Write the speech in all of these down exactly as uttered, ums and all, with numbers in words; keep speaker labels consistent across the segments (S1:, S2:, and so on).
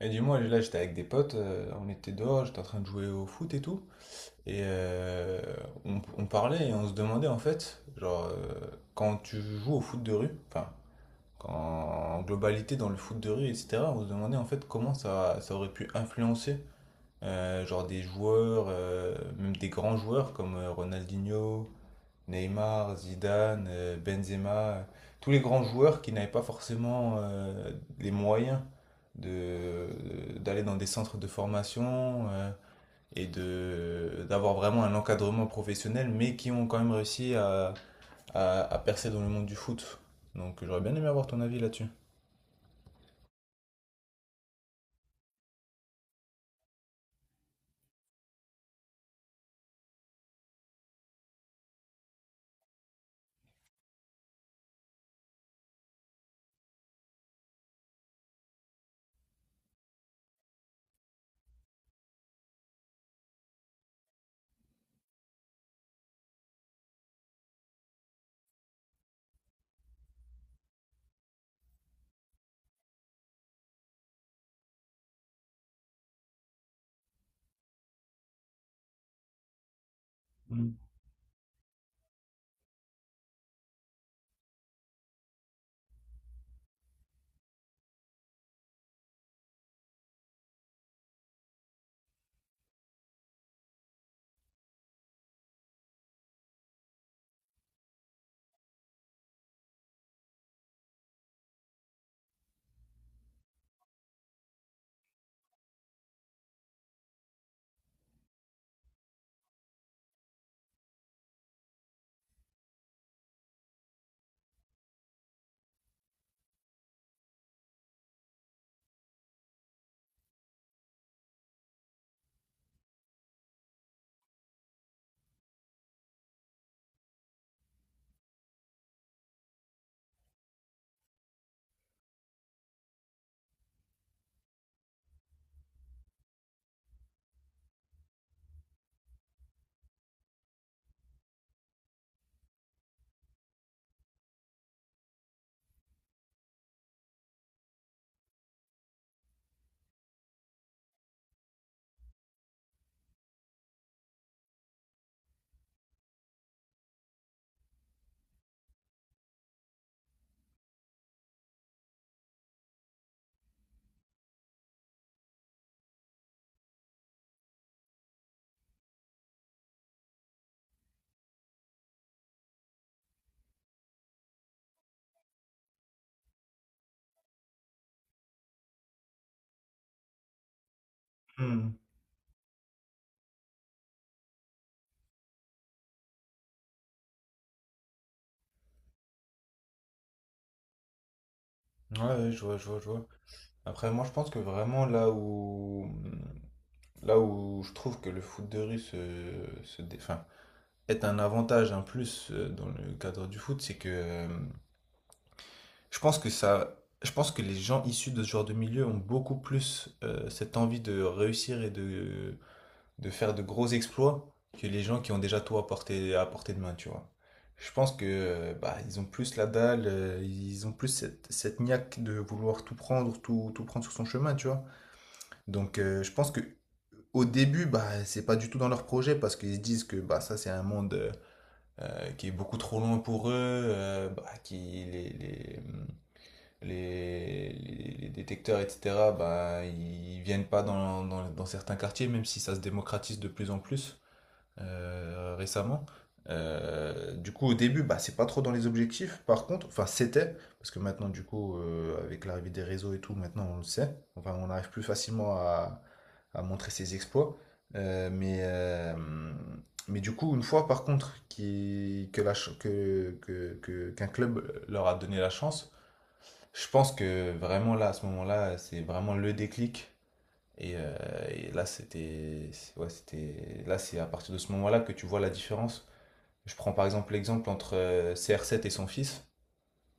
S1: Et dis-moi, là j'étais avec des potes, euh, on était dehors, j'étais en train de jouer au foot et tout, et euh, on, on parlait et on se demandait en fait, genre, euh, quand tu joues au foot de rue, enfin, quand- en globalité dans le foot de rue, et cetera, on se demandait en fait comment ça, ça aurait pu influencer, euh, genre des joueurs, euh, même des grands joueurs comme euh, Ronaldinho, Neymar, Zidane, euh, Benzema, tous les grands joueurs qui n'avaient pas forcément euh, les moyens de, d'aller dans des centres de formation, euh, et de, d'avoir vraiment un encadrement professionnel, mais qui ont quand même réussi à, à- à percer dans le monde du foot. Donc j'aurais bien aimé avoir ton avis là-dessus. Mm. Hmm. Ouais, ouais, je vois, je vois, je vois. Après, moi, je pense que vraiment là où, là où je trouve que le foot de rue se, se dé- enfin, être un avantage, un plus, euh, dans le cadre du foot, c'est que euh, je pense que ça, je pense que les gens issus de ce genre de milieu ont beaucoup plus, euh, cette envie de réussir et de, de faire de gros exploits que les gens qui ont déjà tout à portée, à portée de main, tu vois. Je pense que euh, bah, ils ont plus la dalle, euh, ils ont plus cette, cette niaque de vouloir tout prendre, tout, tout prendre sur son chemin, tu vois. Donc euh, je pense que au début, bah, c'est pas du tout dans leur projet parce qu'ils se disent que bah, ça c'est un monde, euh, euh, qui est beaucoup trop loin pour eux, euh, bah, qui les, les, les, les- les détecteurs, et cetera, bah, ils viennent pas dans, dans, dans certains quartiers, même si ça se démocratise de plus en plus euh, récemment. Euh, du coup, au début, bah, c'est pas trop dans les objectifs. Par contre, enfin, c'était, parce que maintenant, du coup, euh, avec l'arrivée des réseaux et tout, maintenant, on le sait. Enfin, on arrive plus facilement à, à montrer ses exploits. Euh, mais, euh, mais du coup, une fois, par contre, qui, que la, ch- que, que, que- qu'un club leur a donné la chance, je pense que vraiment là, à ce moment-là, c'est vraiment le déclic et, euh, et là, c'était, c'est- ouais, c'était, là, c'est à partir de ce moment-là que tu vois la différence. Je prends par exemple l'exemple entre euh, C R sept et son fils.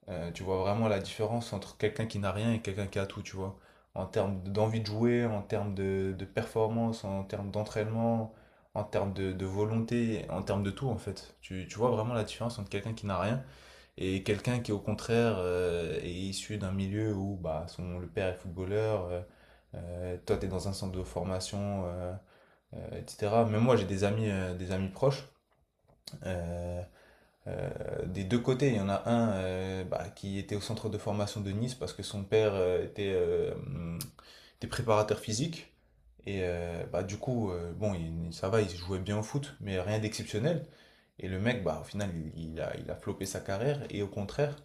S1: Euh, tu vois vraiment la différence entre quelqu'un qui n'a rien et quelqu'un qui a tout, tu vois. En termes d'envie de jouer, en termes de, de performance, en termes d'entraînement, en termes de, de volonté, en termes de tout, en fait. Tu, tu vois vraiment la différence entre quelqu'un qui n'a rien et quelqu'un qui, au contraire, euh, est issu d'un milieu où bah, son, le père est footballeur, euh, euh, toi, tu es dans un centre de formation, euh, euh, et cetera. Mais moi, j'ai des amis, euh, des amis proches, euh, euh, des deux côtés, il y en a un, euh, bah, qui était au centre de formation de Nice parce que son père, euh, était, euh, hum, était préparateur physique. Et euh, bah, du coup, euh, bon, il- ça va, il jouait bien au foot, mais rien d'exceptionnel. Et le mec, bah, au final, il, il a, il a flopé sa carrière. Et au contraire,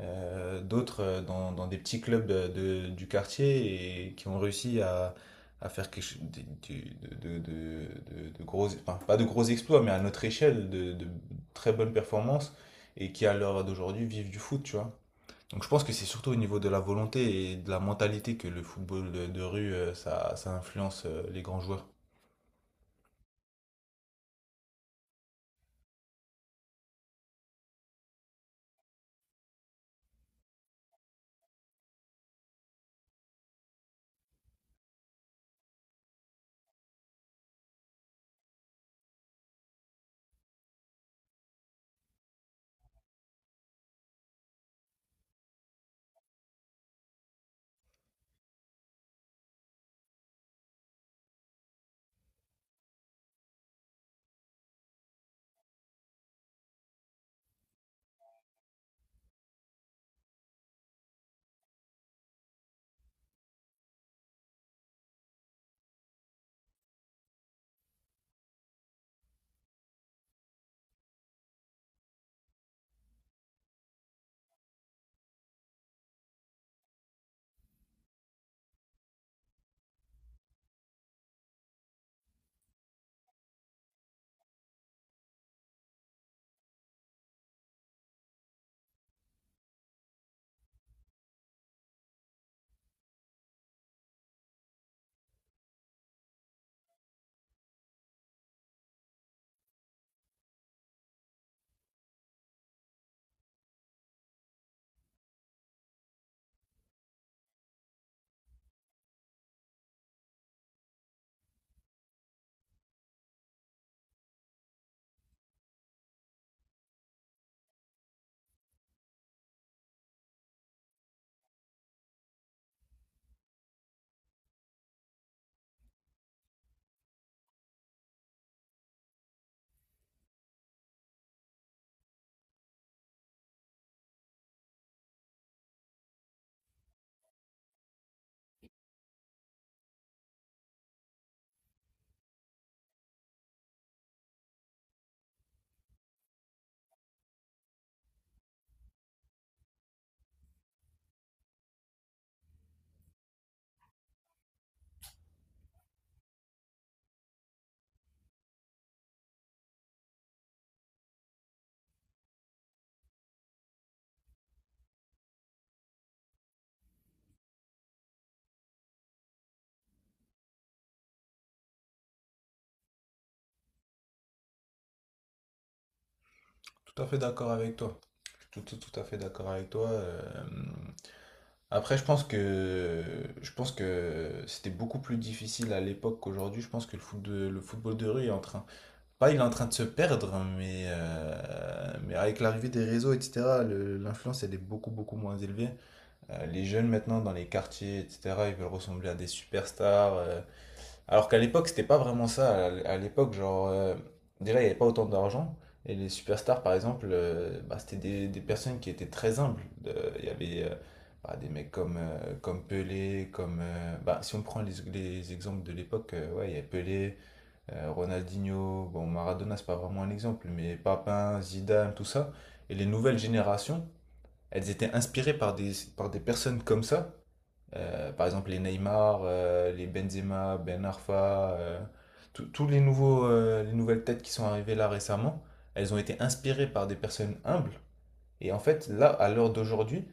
S1: euh, d'autres, euh, dans, dans des petits clubs de- de- du quartier et qui ont réussi à, à faire quelque chose de, de, de, de- de- de gros, enfin, pas de gros exploits, mais à notre échelle, de, de très bonnes performances et qui, à l'heure d'aujourd'hui, vivent du foot, tu vois. Donc je pense que c'est surtout au niveau de la volonté et de la mentalité que le football de, de rue, euh, ça, ça influence, euh, les grands joueurs. Tout à fait d'accord avec toi. Je suis tout, tout, tout à fait d'accord avec toi. euh, Après, je pense que je pense que c'était beaucoup plus difficile à l'époque qu'aujourd'hui. Je pense que le foot de- le football de rue est en train, pas il est en train de se perdre, mais euh, mais avec l'arrivée des réseaux, et cetera, le- l'influence elle est beaucoup beaucoup moins élevée. Euh, les jeunes maintenant dans les quartiers, et cetera, ils veulent ressembler à des superstars. Euh, alors qu'à l'époque, c'était pas vraiment ça. À à l'époque, genre, euh, déjà, il n'y avait pas autant d'argent. Et les superstars, par exemple, euh, bah, c'était des, des personnes qui étaient très humbles. Euh, Il y avait euh, bah, des mecs comme, euh, comme Pelé, comme, euh, bah, si on prend les, les exemples de l'époque, euh, ouais, il y avait Pelé, euh, Ronaldinho, bon, Maradona, c'est pas vraiment un exemple, mais Papin, Zidane, tout ça. Et les nouvelles générations, elles étaient inspirées par des, par des personnes comme ça, euh, par exemple, les Neymar, euh, les Benzema, Ben Arfa, euh, tous tous les nouveaux, euh, les nouvelles têtes qui sont arrivées là récemment, elles ont été inspirées par des personnes humbles. Et en fait, là, à l'heure d'aujourd'hui,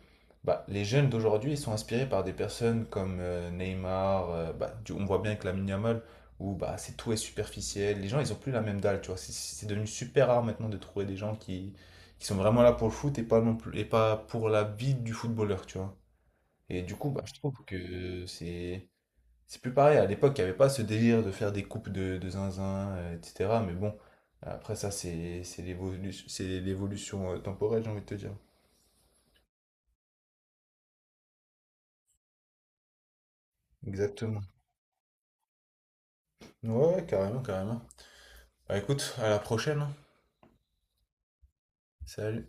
S1: bah, les jeunes d'aujourd'hui, ils sont inspirés par des personnes comme euh, Neymar. Euh, bah, tu- on voit bien avec Lamine Yamal, où bah, c'est tout est superficiel. Les gens, ils ont plus la même dalle, tu vois. C'est c'est devenu super rare maintenant de trouver des gens qui, qui sont vraiment là pour le foot et pas, non plus, et pas pour la vie du footballeur, tu vois. Et du coup, bah, je trouve que c'est c'est plus pareil. À l'époque, il n'y avait pas ce délire de faire des coupes de, de zinzin, euh, et cetera. Mais bon, après ça, c'est c'est l'évolution, c'est l'évolution, euh, temporelle, j'ai envie de te dire. Exactement. Ouais, ouais, carrément, carrément. Bah écoute, à la prochaine, hein. Salut.